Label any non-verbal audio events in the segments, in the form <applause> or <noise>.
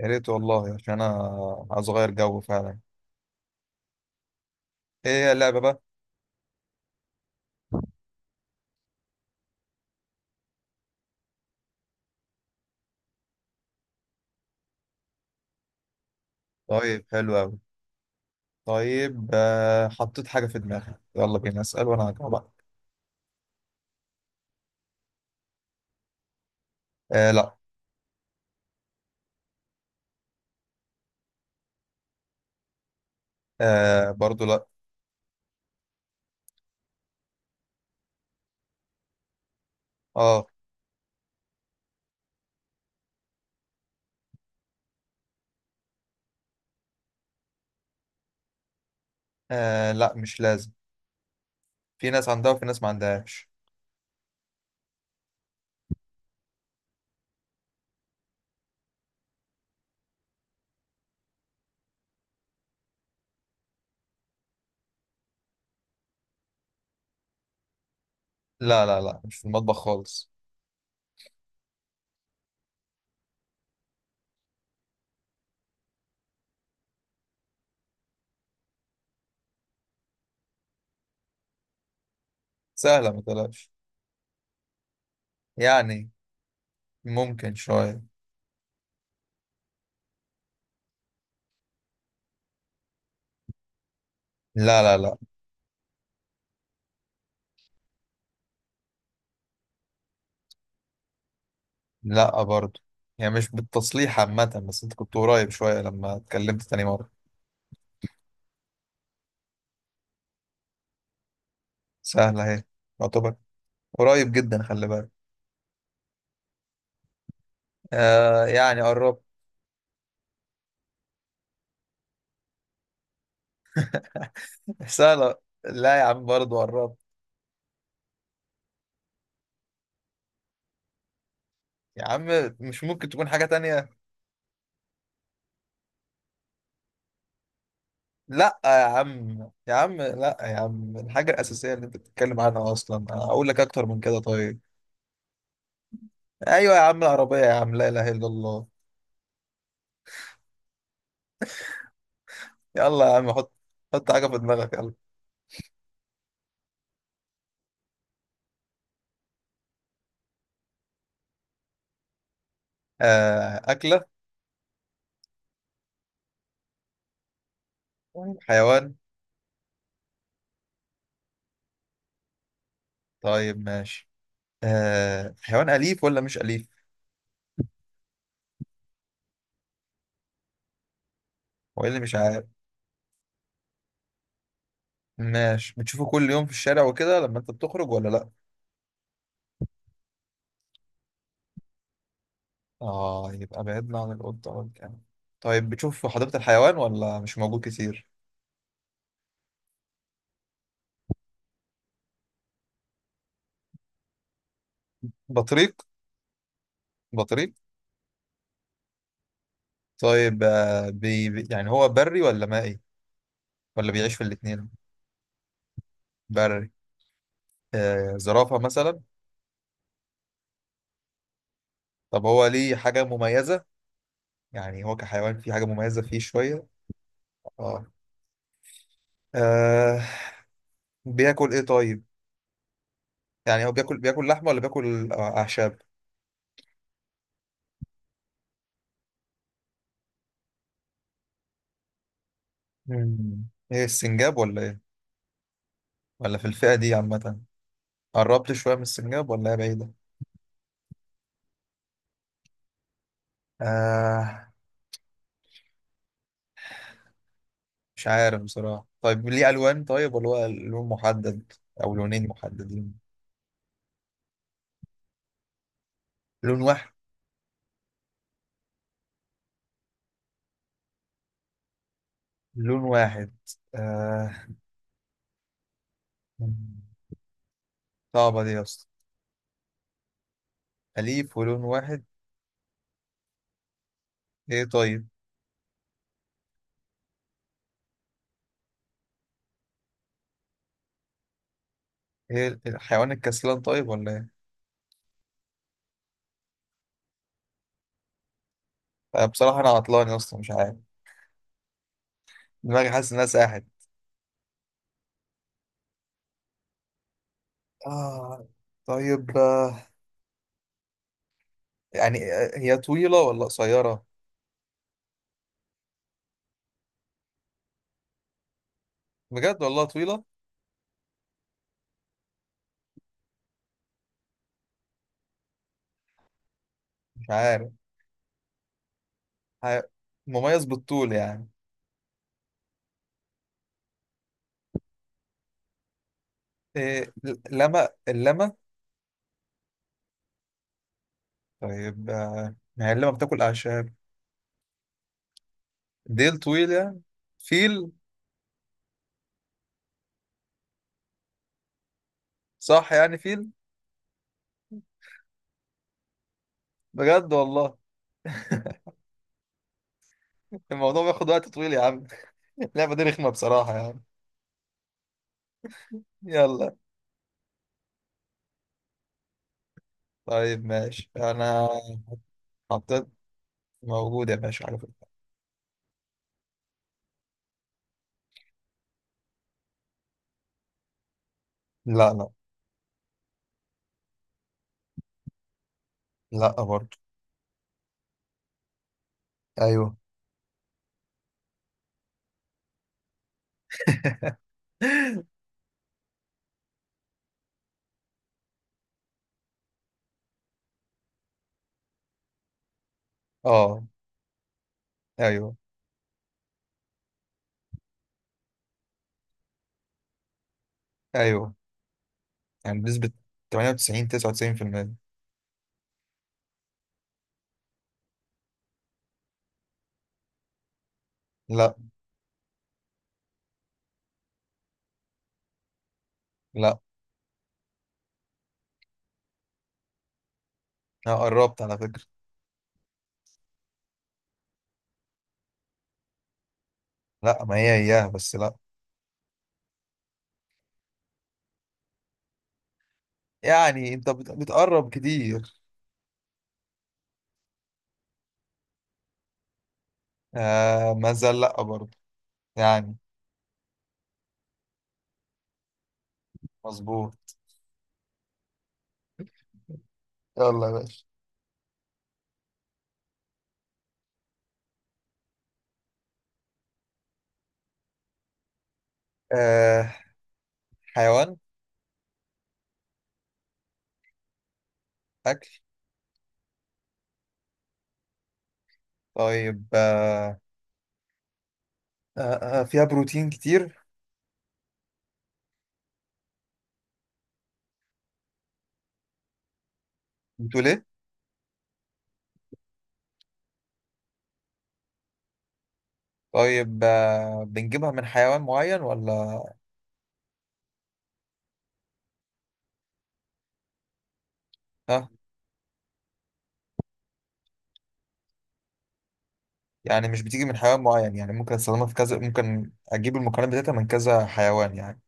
يا ريت والله، عشان انا عايز اغير جو فعلا. ايه هي اللعبه بقى؟ طيب، حلو قوي. طيب حطيت حاجه في دماغي، يلا بينا اسال وانا هجاوبك. آه، لا. آه، برضو لا. آه. اه لا، مش لازم. في ناس عندها وفي ناس ما عندهاش. لا، مش في المطبخ خالص. سهله، ما تقلقش. يعني ممكن شويه. لا. لا برضو. يعني مش بالتصليح عامه، بس انت كنت قريب شويه لما اتكلمت تاني مره. سهله اهي. يعتبر. قريب جدا، خلي بالك. آه، يعني قربت. سهلة. لا يا عم، برضه قربت. يا عم، مش ممكن تكون حاجة تانية. لا يا عم يا عم لا يا عم، الحاجة الأساسية اللي أنت بتتكلم عنها أصلا. أقول لك أكتر من كده طيب. أيوة يا عم، العربية يا عم. لا إله إلا الله. يلا يا عم، حط. حط حاجة في دماغك، يلا. آه، أكلة. طيب، حيوان. طيب ماشي. آه، حيوان أليف ولا مش أليف؟ هو إيه اللي مش عارف؟ ماشي. بتشوفه كل يوم في الشارع وكده لما أنت بتخرج ولا لأ؟ اه، يبقى بعدنا عن القطة والكلب. طيب بتشوف في حديقة الحيوان ولا مش موجود كتير؟ بطريق. بطريق. طيب آه، يعني هو بري ولا مائي، ولا بيعيش في الاتنين؟ بري. آه، زرافة مثلا. طب هو ليه حاجة مميزة؟ يعني هو كحيوان فيه حاجة مميزة؟ فيه شوية. اه. آه، بياكل ايه طيب؟ يعني هو بياكل لحمة ولا بياكل أعشاب؟ مم. ايه، السنجاب ولا ايه، ولا في الفئة دي عامة؟ قربت شوية من السنجاب ولا هي بعيدة؟ آه، مش عارف بصراحة. طيب ليه ألوان؟ طيب ولا هو لون محدد أو لونين محددين؟ لون واحد. لون واحد. آه... صعبة دي يا اسطى. أليف ولون واحد. إيه طيب؟ إيه، الحيوان الكسلان طيب ولا إيه؟ آه، بصراحة أنا عطلان يا اسطى، مش عارف. دماغي حاسس إنها ساحت. آه طيب آه... يعني هي طويلة ولا قصيرة؟ بجد والله طويلة. مش عارف. ح- مميز بالطول يعني؟ إيه لما اللمة؟ طيب آه... ما هي اللمة بتاكل أعشاب. ديل طويل يعني؟ فيل. صح يعني، فيل؟ بجد والله. <laughs> الموضوع بياخد وقت طويل يا عم. <laughs> اللعبة دي رخمة بصراحة يعني. يلا. طيب ماشي، أنا حطيت. موجود يا باشا على فكرة. لا. لا. لا برضه. أيوه. <laughs> أه. أيوه. أيوه، يعني بنسبة 98 99%. لا. لا، أنا قربت على فكرة. لا، ما هي إياها بس، لا. يعني أنت بتقرب كتير. آه، ما زال لا برضه يعني. مظبوط. يلا يا باشا. آه، حيوان. أكل. طيب آه، آه، آه، فيها بروتين كتير. بتقول إيه؟ طيب آه، بنجيبها من حيوان معين ولا؟ ها. يعني مش بتيجي من حيوان معين، يعني ممكن استخدمها في كذا، ممكن أجيب المكونات بتاعتها من كذا حيوان يعني.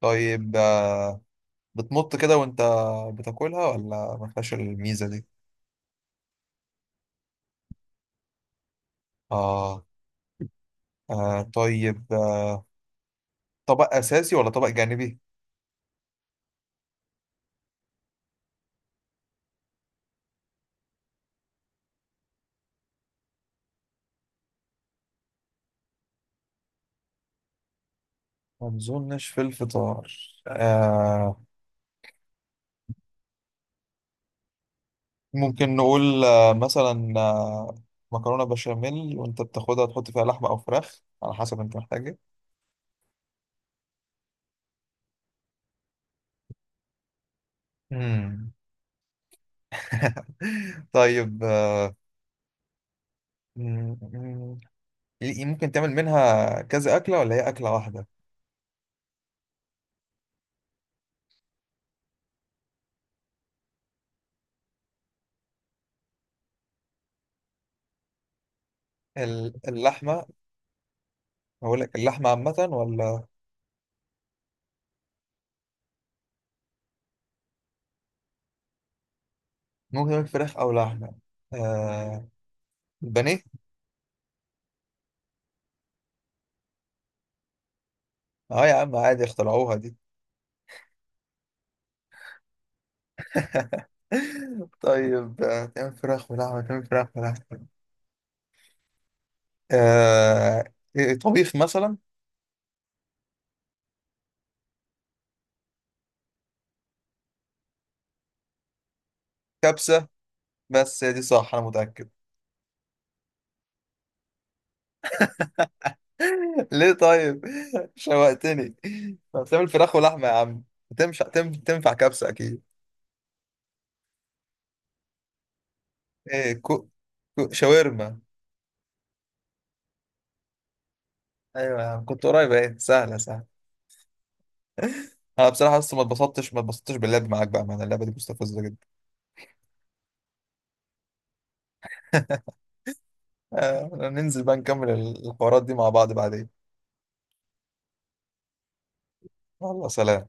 طيب آه، بتمط كده وأنت بتاكلها ولا ما فيهاش الميزة دي؟ آه. آه طيب آه، طبق أساسي ولا طبق جانبي؟ ما أظنش في الفطار. آه، ممكن نقول مثلا مكرونة بشاميل، وانت بتاخدها تحط فيها لحمة او فراخ على حسب انت محتاج ايه. مم. <laughs> طيب آه، مم، مم. ممكن تعمل منها كذا أكلة ولا هي أكلة واحدة؟ اللحمة. هقول لك اللحمة عامة ولا؟ ممكن تعمل فراخ أو لحمة. آه، البانيه. اه يا عم عادي، اخترعوها دي. <laughs> طيب آه، تعمل فراخ ولحمة. آه، إيه، طبيخ مثلا؟ كبسة، بس هي دي صح انا متاكد. <laughs> ليه طيب؟ <laughs> شوقتني. طب تعمل فراخ ولحمه يا عم، تنفع كبسه اكيد. ايه، شاورما. ايوه يا عم، كنت قريب. ايه سهله، سهله. انا بصراحه لسه ما اتبسطتش ما اتبسطتش باللعب معاك. بقى معنا اللعبه دي مستفزه جدا. <laughs> آه، ننزل بقى نكمل الحوارات دي مع بعض بعدين. يلا سلام.